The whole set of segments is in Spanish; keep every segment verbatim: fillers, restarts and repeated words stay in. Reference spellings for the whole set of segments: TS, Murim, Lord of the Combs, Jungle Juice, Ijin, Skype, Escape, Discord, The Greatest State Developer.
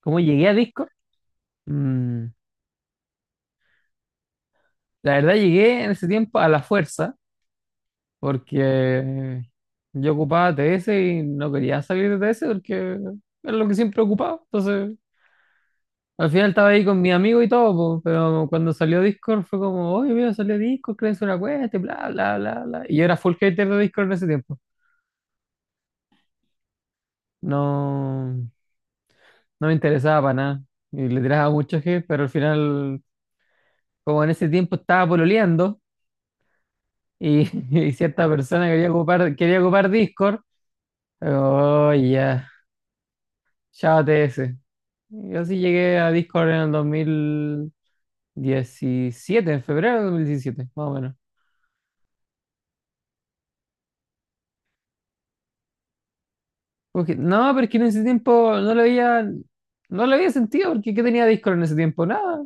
¿Cómo llegué a Discord? Mm, la verdad llegué en ese tiempo a la fuerza, porque yo ocupaba T S y no quería salir de T S porque era lo que siempre ocupaba. Entonces, al final estaba ahí con mi amigo y todo, po, pero cuando salió Discord fue como, oye, mira, salió Discord, créense una cuenta, y bla, bla, bla, bla. Y yo era full hater de Discord en ese tiempo. No, no me interesaba para nada. Y le tiraba mucho hate, pero al final, como en ese tiempo estaba pololeando. y, y cierta persona quería ocupar, quería ocupar Discord. Oh, ya, chao T S. Yo sí llegué a Discord en el dos mil diecisiete, en febrero del dos mil diecisiete, más o menos. Porque, no, pero es que en ese tiempo no lo había, no lo había sentido, porque ¿qué tenía Discord en ese tiempo? Nada.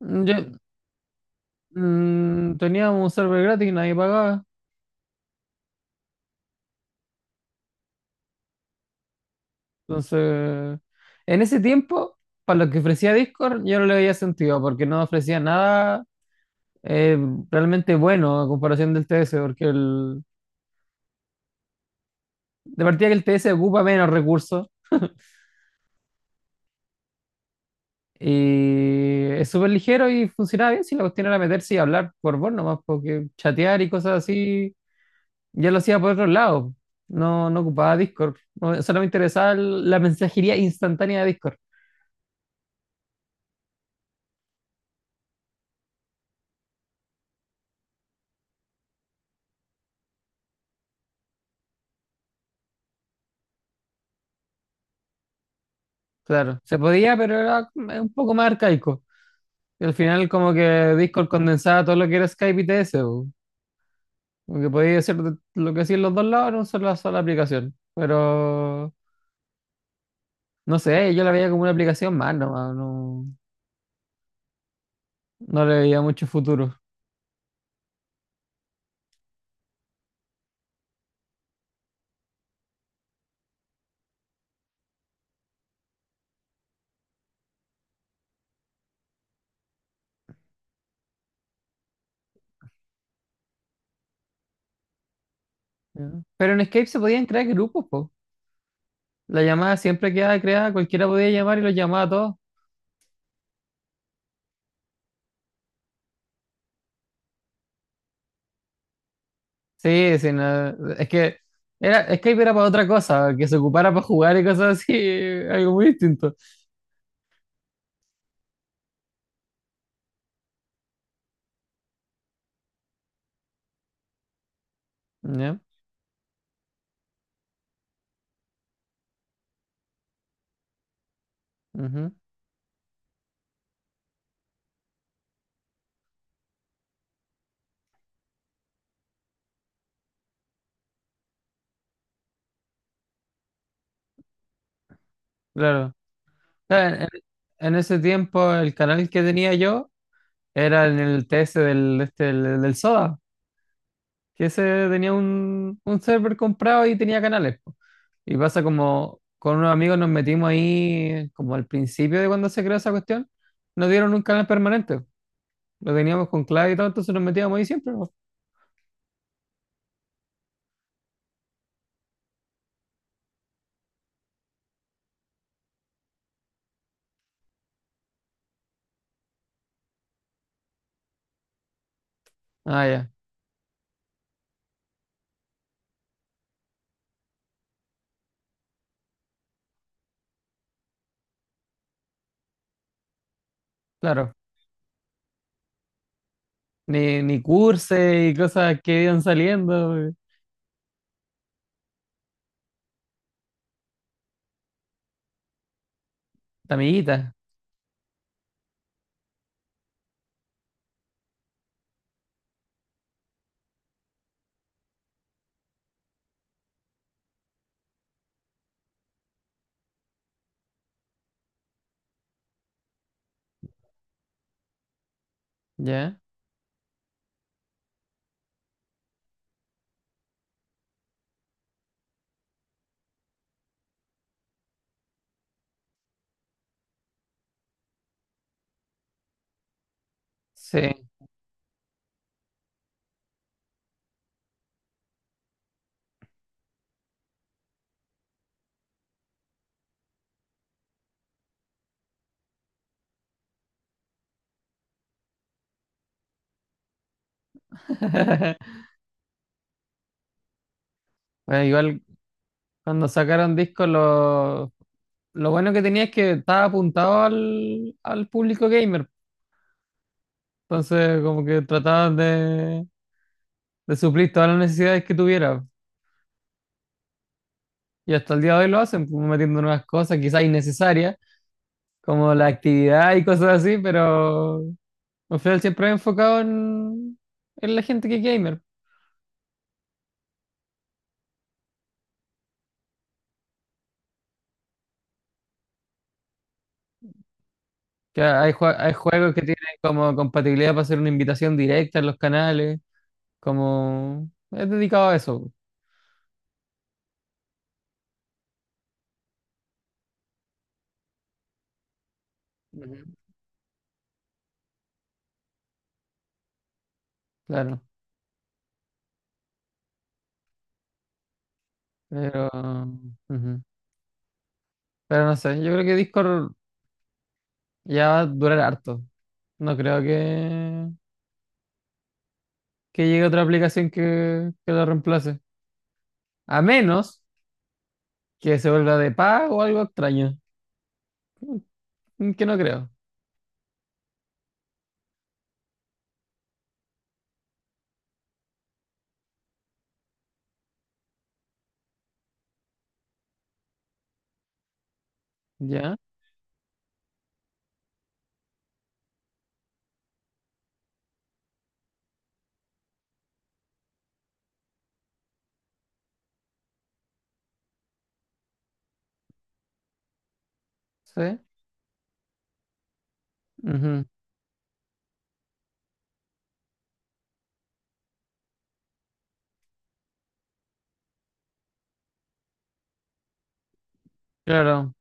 Yo, mm, teníamos un server gratis y nadie pagaba. Entonces, en ese tiempo, para lo que ofrecía Discord, yo no le había sentido, porque no ofrecía nada eh, realmente bueno a comparación del T S porque el, de partida que el T S ocupa menos recursos y es súper ligero y funciona bien si la cuestión era meterse y hablar por voz nomás, porque chatear y cosas así ya lo hacía por otro lado. No, no ocupaba Discord, no, solo me interesaba el- la mensajería instantánea de Discord. Claro, se podía, pero era un poco más arcaico. Y al final como que Discord condensaba todo lo que era Skype y T S. Po. Como que podéis hacer de- lo que hacían los dos lados en una sola, sola aplicación. Pero no sé, yo la veía como una aplicación más nomás, no, no le veía mucho futuro. Ya. Pero en Escape se podían crear grupos, po. La llamada siempre quedaba creada, cualquiera podía llamar y los llamaba a todos. Sí, sí, no, es que era, Escape era para otra cosa, que se ocupara para jugar y cosas así, algo muy distinto. Ya, ujú, claro. Claro. En, en en ese tiempo el canal que tenía yo era en el T S del, este, del del Soda. Que ese tenía un, un server comprado y tenía canales. Po. Y pasa como con unos amigos nos metimos ahí, como al principio de cuando se creó esa cuestión, nos dieron un canal permanente. Lo teníamos con clave y todo, entonces nos metíamos ahí siempre. Po. Ah, ya, claro. Ni, ni cursos y cosas que iban saliendo. eh. Amiguitas, ya. Sí. Bueno, igual cuando sacaron discos, lo, lo bueno que tenía es que estaba apuntado al, al público gamer. Entonces, como que trataban de, de suplir todas las necesidades que tuviera. Y hasta el día de hoy lo hacen, como metiendo nuevas cosas, quizás innecesarias, como la actividad y cosas así, pero al final siempre he enfocado en, en la gente que es gamer. Que hay, jue- hay juegos que tienen como compatibilidad para hacer una invitación directa en los canales, como es dedicado a eso. Ujú. Claro. Pero, ujú. Pero no sé, yo creo que Discord ya va a durar harto. No creo que... que llegue otra aplicación que, que la reemplace. A menos que se vuelva de pago o algo extraño, mm, que no creo. ¿Ya? ¿Sí? Ujú. Claro.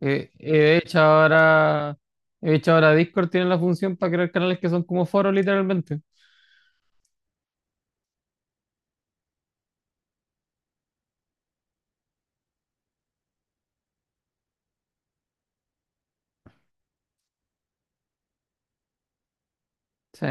Eh, eh, de hecho, ahora, de hecho, ahora Discord tiene la función para crear canales que son como foros, literalmente. Sí,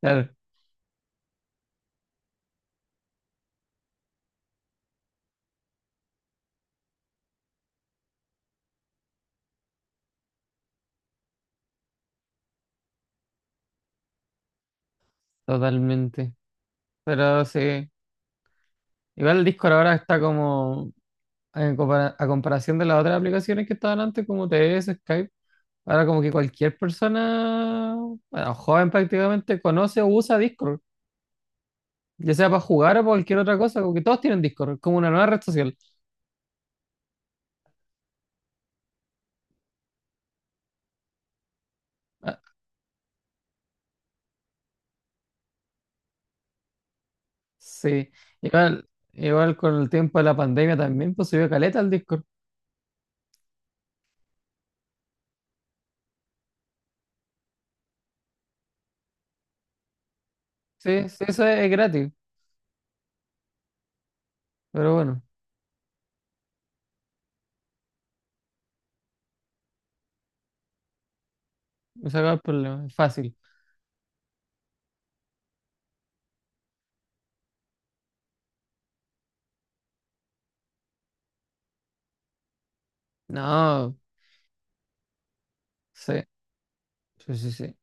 claro, totalmente. Pero sí, igual el Discord ahora está como, en compara- a comparación de las otras aplicaciones que estaban antes, como T S, Skype. Ahora como que cualquier persona, bueno, joven prácticamente, conoce o usa Discord, ya sea para jugar o para cualquier otra cosa, como que todos tienen Discord, es como una nueva red social. Ah, sí, igual, igual con el tiempo de la pandemia también, pues subió caleta al Discord. Sí, sí, eso es, es gratis, pero bueno, me saca el problema, es fácil. No, sí, sí, sí, sí.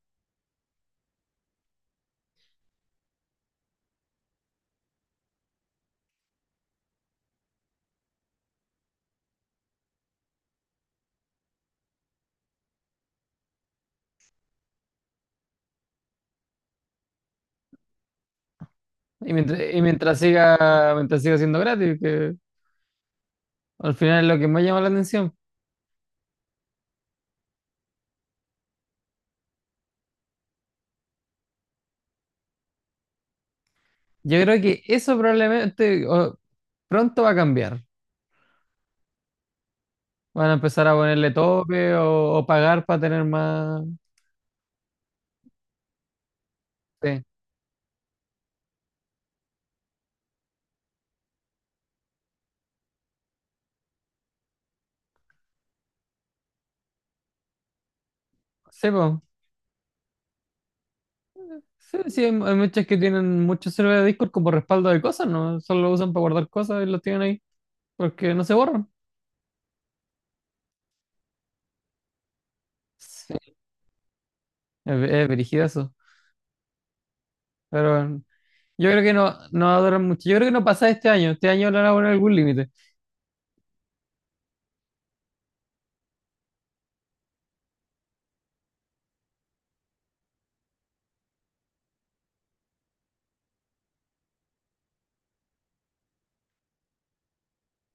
Y mientras, y mientras siga, mientras siga siendo gratis, que al final es lo que más llama la atención. Yo creo que eso probablemente o, pronto va a cambiar. Van a empezar a ponerle tope o, o pagar para tener más. Sí, sí, po. Sí, sí, hay, hay muchas que tienen muchos servidores de Discord como respaldo de cosas, ¿no? Solo lo usan para guardar cosas y los tienen ahí porque no se borran. Sí, es, es brígido eso. Pero bueno, yo creo que no, no va a durar mucho. Yo creo que no pasa este año. Este año le van a poner algún límite.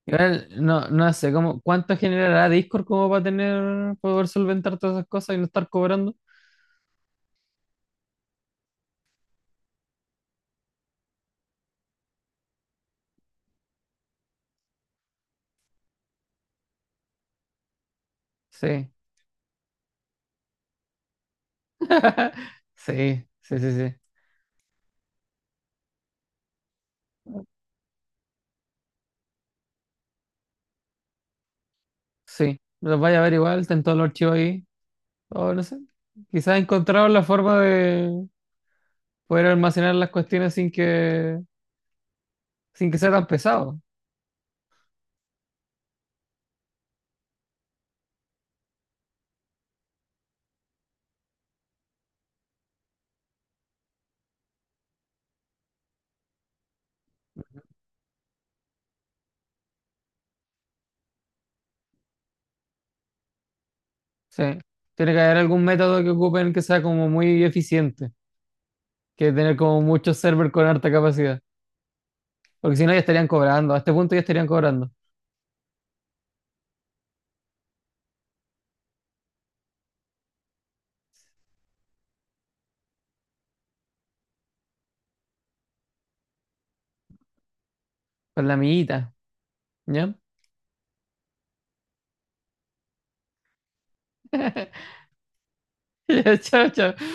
Igual, no, no sé cómo, cuánto generará Discord como para tener, poder solventar todas esas cosas y no estar cobrando. Sí, sí, sí, sí, sí. Sí, los vaya a ver igual, están todos los archivos ahí. O no sé. Quizás encontraron la forma de poder almacenar las cuestiones sin que, sin que sea tan pesado. Sí. Tiene que haber algún método que ocupen que sea como muy eficiente, que tener como muchos servers con alta capacidad. Porque si no, ya estarían cobrando. A este punto ya estarían cobrando. Con la amiguita. ¿Ya? Ya, chao, chao.